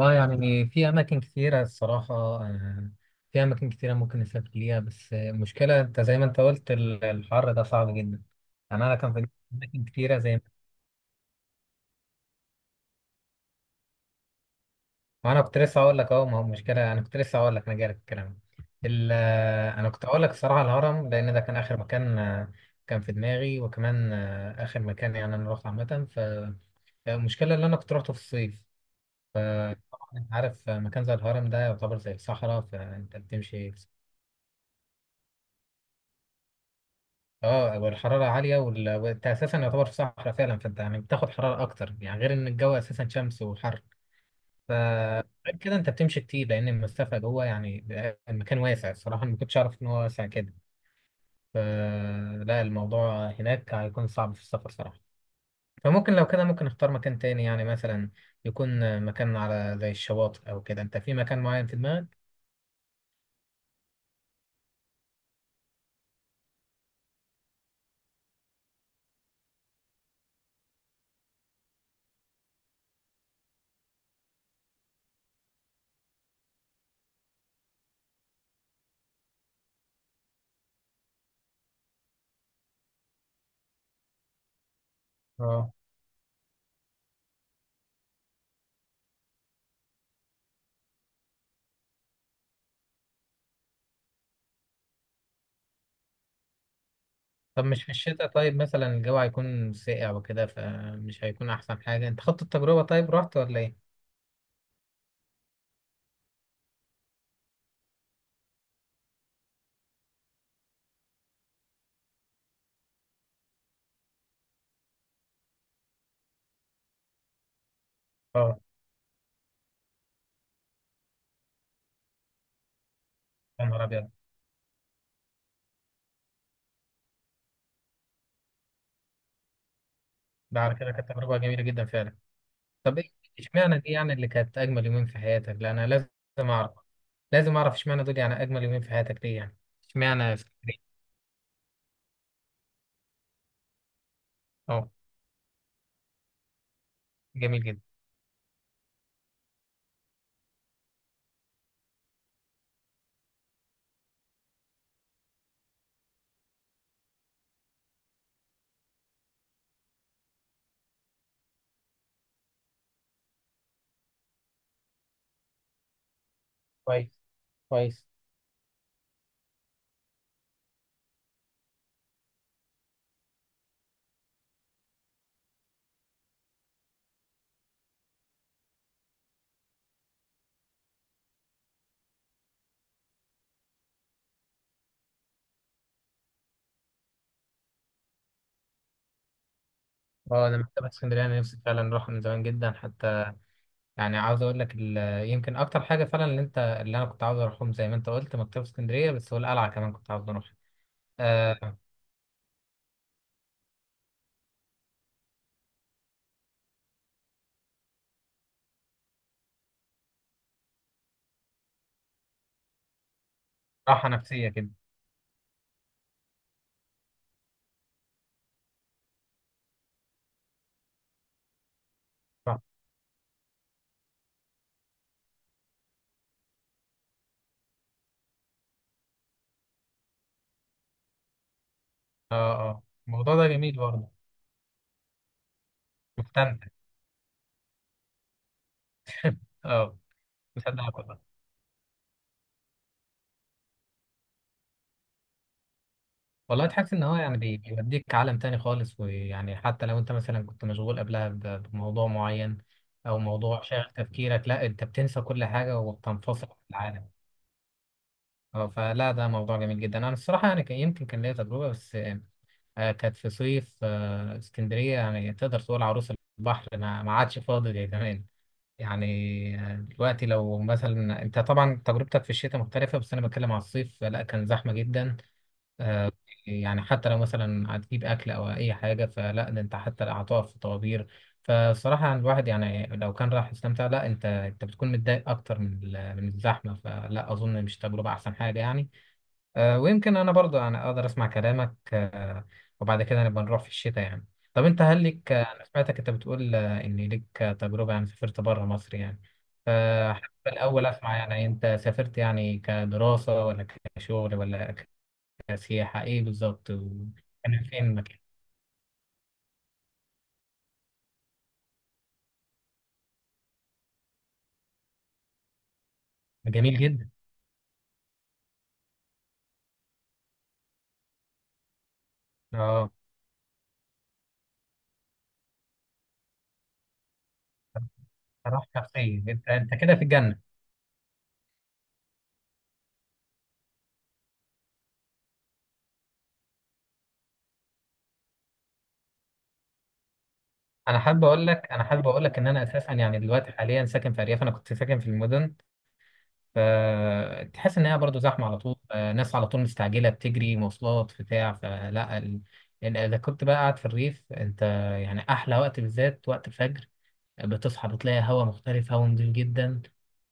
اه، يعني في اماكن كتيره الصراحه. في اماكن كتيره ممكن نسافر ليها، بس المشكله انت زي ما انت قلت الحر ده صعب جدا. يعني انا كان في اماكن كتيره زي ما. وانا كنت لسه هقول لك اهو، ما هو مشكله، انا كنت لسه هقول لك انا جاي لك الكلام. انا كنت هقول لك الصراحه الهرم، لان ده كان اخر مكان. كان في دماغي، وكمان اخر مكان يعني انا رحت عامه. فالمشكله اللي انا كنت روحته في الصيف، فطبعا انت عارف، مكان زي الهرم ده يعتبر زي الصحراء، فانت بتمشي. اه، والحرارة عالية، وانت اساسا يعتبر في صحراء فعلا، فانت يعني بتاخد حرارة اكتر، يعني غير ان الجو اساسا شمس وحر. ف غير كده انت بتمشي كتير لان المسافة جوه، يعني المكان واسع. الصراحة أنا ما كنتش اعرف ان هو واسع كده، فلا الموضوع هناك هيكون صعب في السفر صراحة. فممكن لو كده ممكن اختار مكان تاني، يعني مثلا يكون مكان على زي الشواطئ او كده. انت في مكان معين في دماغك؟ اه، طب مش في الشتاء؟ طيب مثلا الجو هيكون ساقع وكده، فمش هيكون احسن حاجة. انت خدت التجربة؟ طيب رحت ولا ايه؟ اه، يا نهار ابيض. ده على كده كانت تجربه جميله جدا فعلا. طب ايه اشمعنى دي؟ يعني اللي كانت اجمل يومين في حياتك، لا انا لازم اعرف، لازم اعرف اشمعنى دول، يعني اجمل يومين في حياتك ليه يعني؟ اشمعنى اسكندريه؟ اه، جميل جدا، كويس، كويس. اه، انا مكتبه اسكندريه انا نفسي فعلا اروح من زمان جدا حتى، يعني عاوز اقول لك يمكن اكتر حاجه فعلا اللي انا كنت عاوز اروحهم، زي ما انت قلت مكتبه اسكندريه بس، والقلعه كمان كنت عاوز اروح. آه، راحه نفسيه كده. صح. اه، اه، الموضوع ده جميل برضه. مستمتع. اه، مصدقك والله. والله تحس ان هو يعني بيوديك عالم تاني خالص، ويعني حتى لو انت مثلا كنت مشغول قبلها بموضوع معين، او موضوع شاغل تفكيرك، لا انت بتنسى كل حاجه، وبتنفصل عن العالم. اه، فلا ده موضوع جميل جدا. انا الصراحه يعني يمكن كان ليا تجربه، بس كانت في صيف. اسكندريه يعني تقدر تقول عروس البحر ما عادش فاضي زي زمان يعني. دلوقتي لو مثلا انت طبعا تجربتك في الشتاء مختلفه، بس انا بتكلم على الصيف، لا كان زحمه جدا. آه، يعني حتى لو مثلا هتجيب اكل او اي حاجه، فلا ده انت حتى لا هتقف في طوابير. فالصراحه الواحد يعني لو كان راح يستمتع، لا انت، بتكون متضايق اكتر من الزحمه، فلا اظن مش تجربه احسن حاجه يعني. ويمكن انا برضو انا اقدر اسمع كلامك، وبعد كده نبقى نروح في الشتاء يعني. طب انت هل لك، انا سمعتك انت بتقول ان لك تجربه، يعني سافرت بره مصر يعني، فحابب الاول اسمع، يعني انت سافرت يعني كدراسه ولا كشغل ولا سياحة، ايه بالظبط وكان فين المكان؟ جميل جدا. اه، راح شخصية، انت كده في الجنة. انا حابب اقول لك ان انا اساسا، يعني دلوقتي حاليا ساكن في ارياف، انا كنت ساكن في المدن. فتحس ان هي برضو زحمة على طول، ناس على طول مستعجلة، بتجري مواصلات بتاع فلا إن اذا كنت بقى قاعد في الريف انت، يعني احلى وقت بالذات وقت الفجر، بتصحى بتلاقي هواء مختلف، هواء نضيف جدا.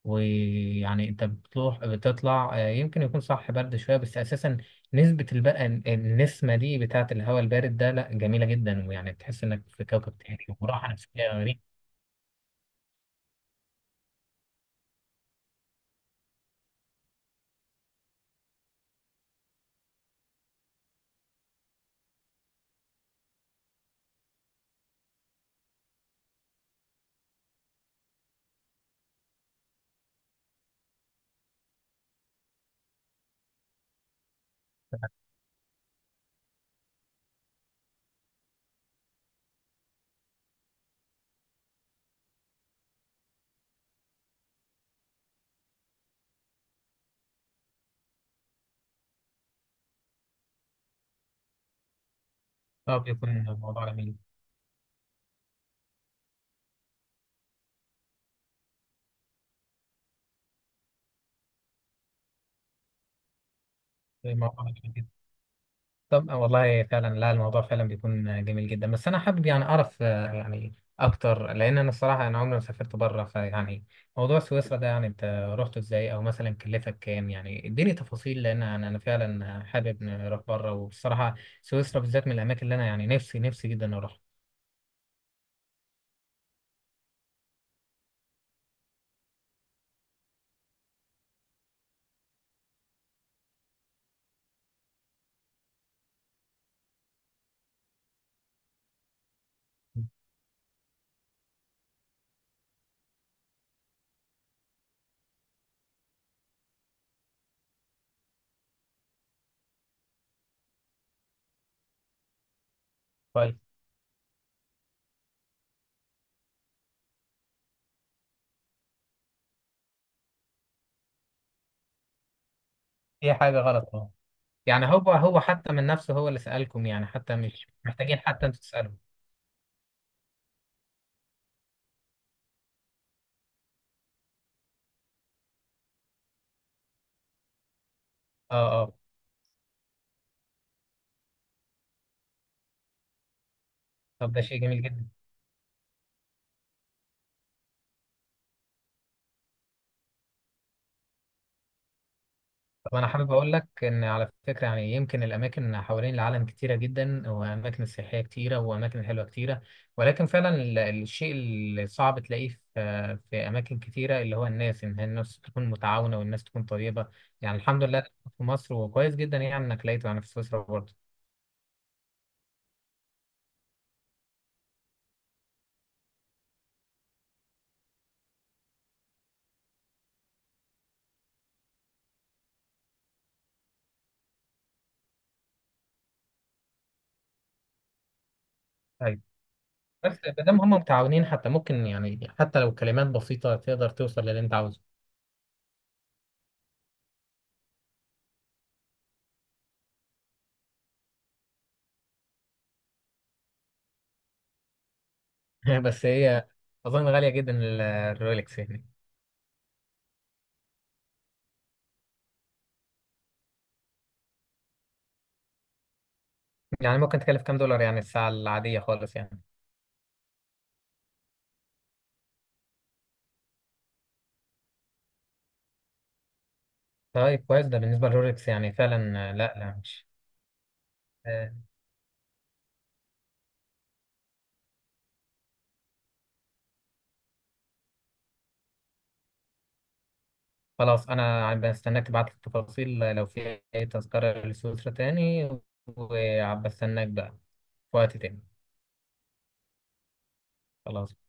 ويعني انت بتروح بتطلع، يمكن يكون صح برد شويه، بس اساسا نسبه البقى النسمه دي بتاعه الهواء البارد ده، لا جميله جدا، ويعني تحس انك في كوكب تاني، وراحه نفسيه غريبه. اه، بيكون الموضوع جميل. الموضوع جميل جدا. طب والله فعلا، لا الموضوع فعلا بيكون جميل جدا، بس انا حابب يعني اعرف يعني اكتر، لان انا الصراحه انا عمري ما سافرت بره، فيعني موضوع سويسرا ده، يعني انت رحته ازاي؟ او مثلا كلفك كام؟ يعني اديني تفاصيل، لان انا فعلا حابب نروح بره، والصراحه سويسرا بالذات من الاماكن اللي انا يعني نفسي نفسي جدا اروح. كويس. هي حاجه غلط. اه، يعني هو حتى من نفسه هو اللي سالكم؟ يعني حتى مش محتاجين حتى انتوا تسالوا. اه، اه، طب ده شيء جميل جدا. طب انا حابب اقول لك ان على فكره، يعني يمكن الاماكن حوالين العالم كتيره جدا، واماكن سياحيه كتيره، واماكن حلوه كتيره، ولكن فعلا الشيء اللي صعب تلاقيه في اماكن كتيره، اللي هو الناس، ان هي الناس تكون متعاونه والناس تكون طيبه، يعني الحمد لله في مصر، وكويس جدا يعني انك لقيته يعني في سويسرا برضه. طيب، بس ما دام هم متعاونين حتى، ممكن يعني حتى لو كلمات بسيطه تقدر توصل للي انت عاوزه. بس هي اظن غاليه جدا الرولكس هنا. يعني ممكن تكلف كام دولار يعني الساعه العاديه خالص يعني؟ طيب كويس، ده بالنسبة للرولكس يعني فعلا. لا لا مش آه، خلاص. أنا بستناك تبعت لي التفاصيل لو في أي تذكرة لسويسرا تاني، وبستناك بقى في وقت تاني. خلاص.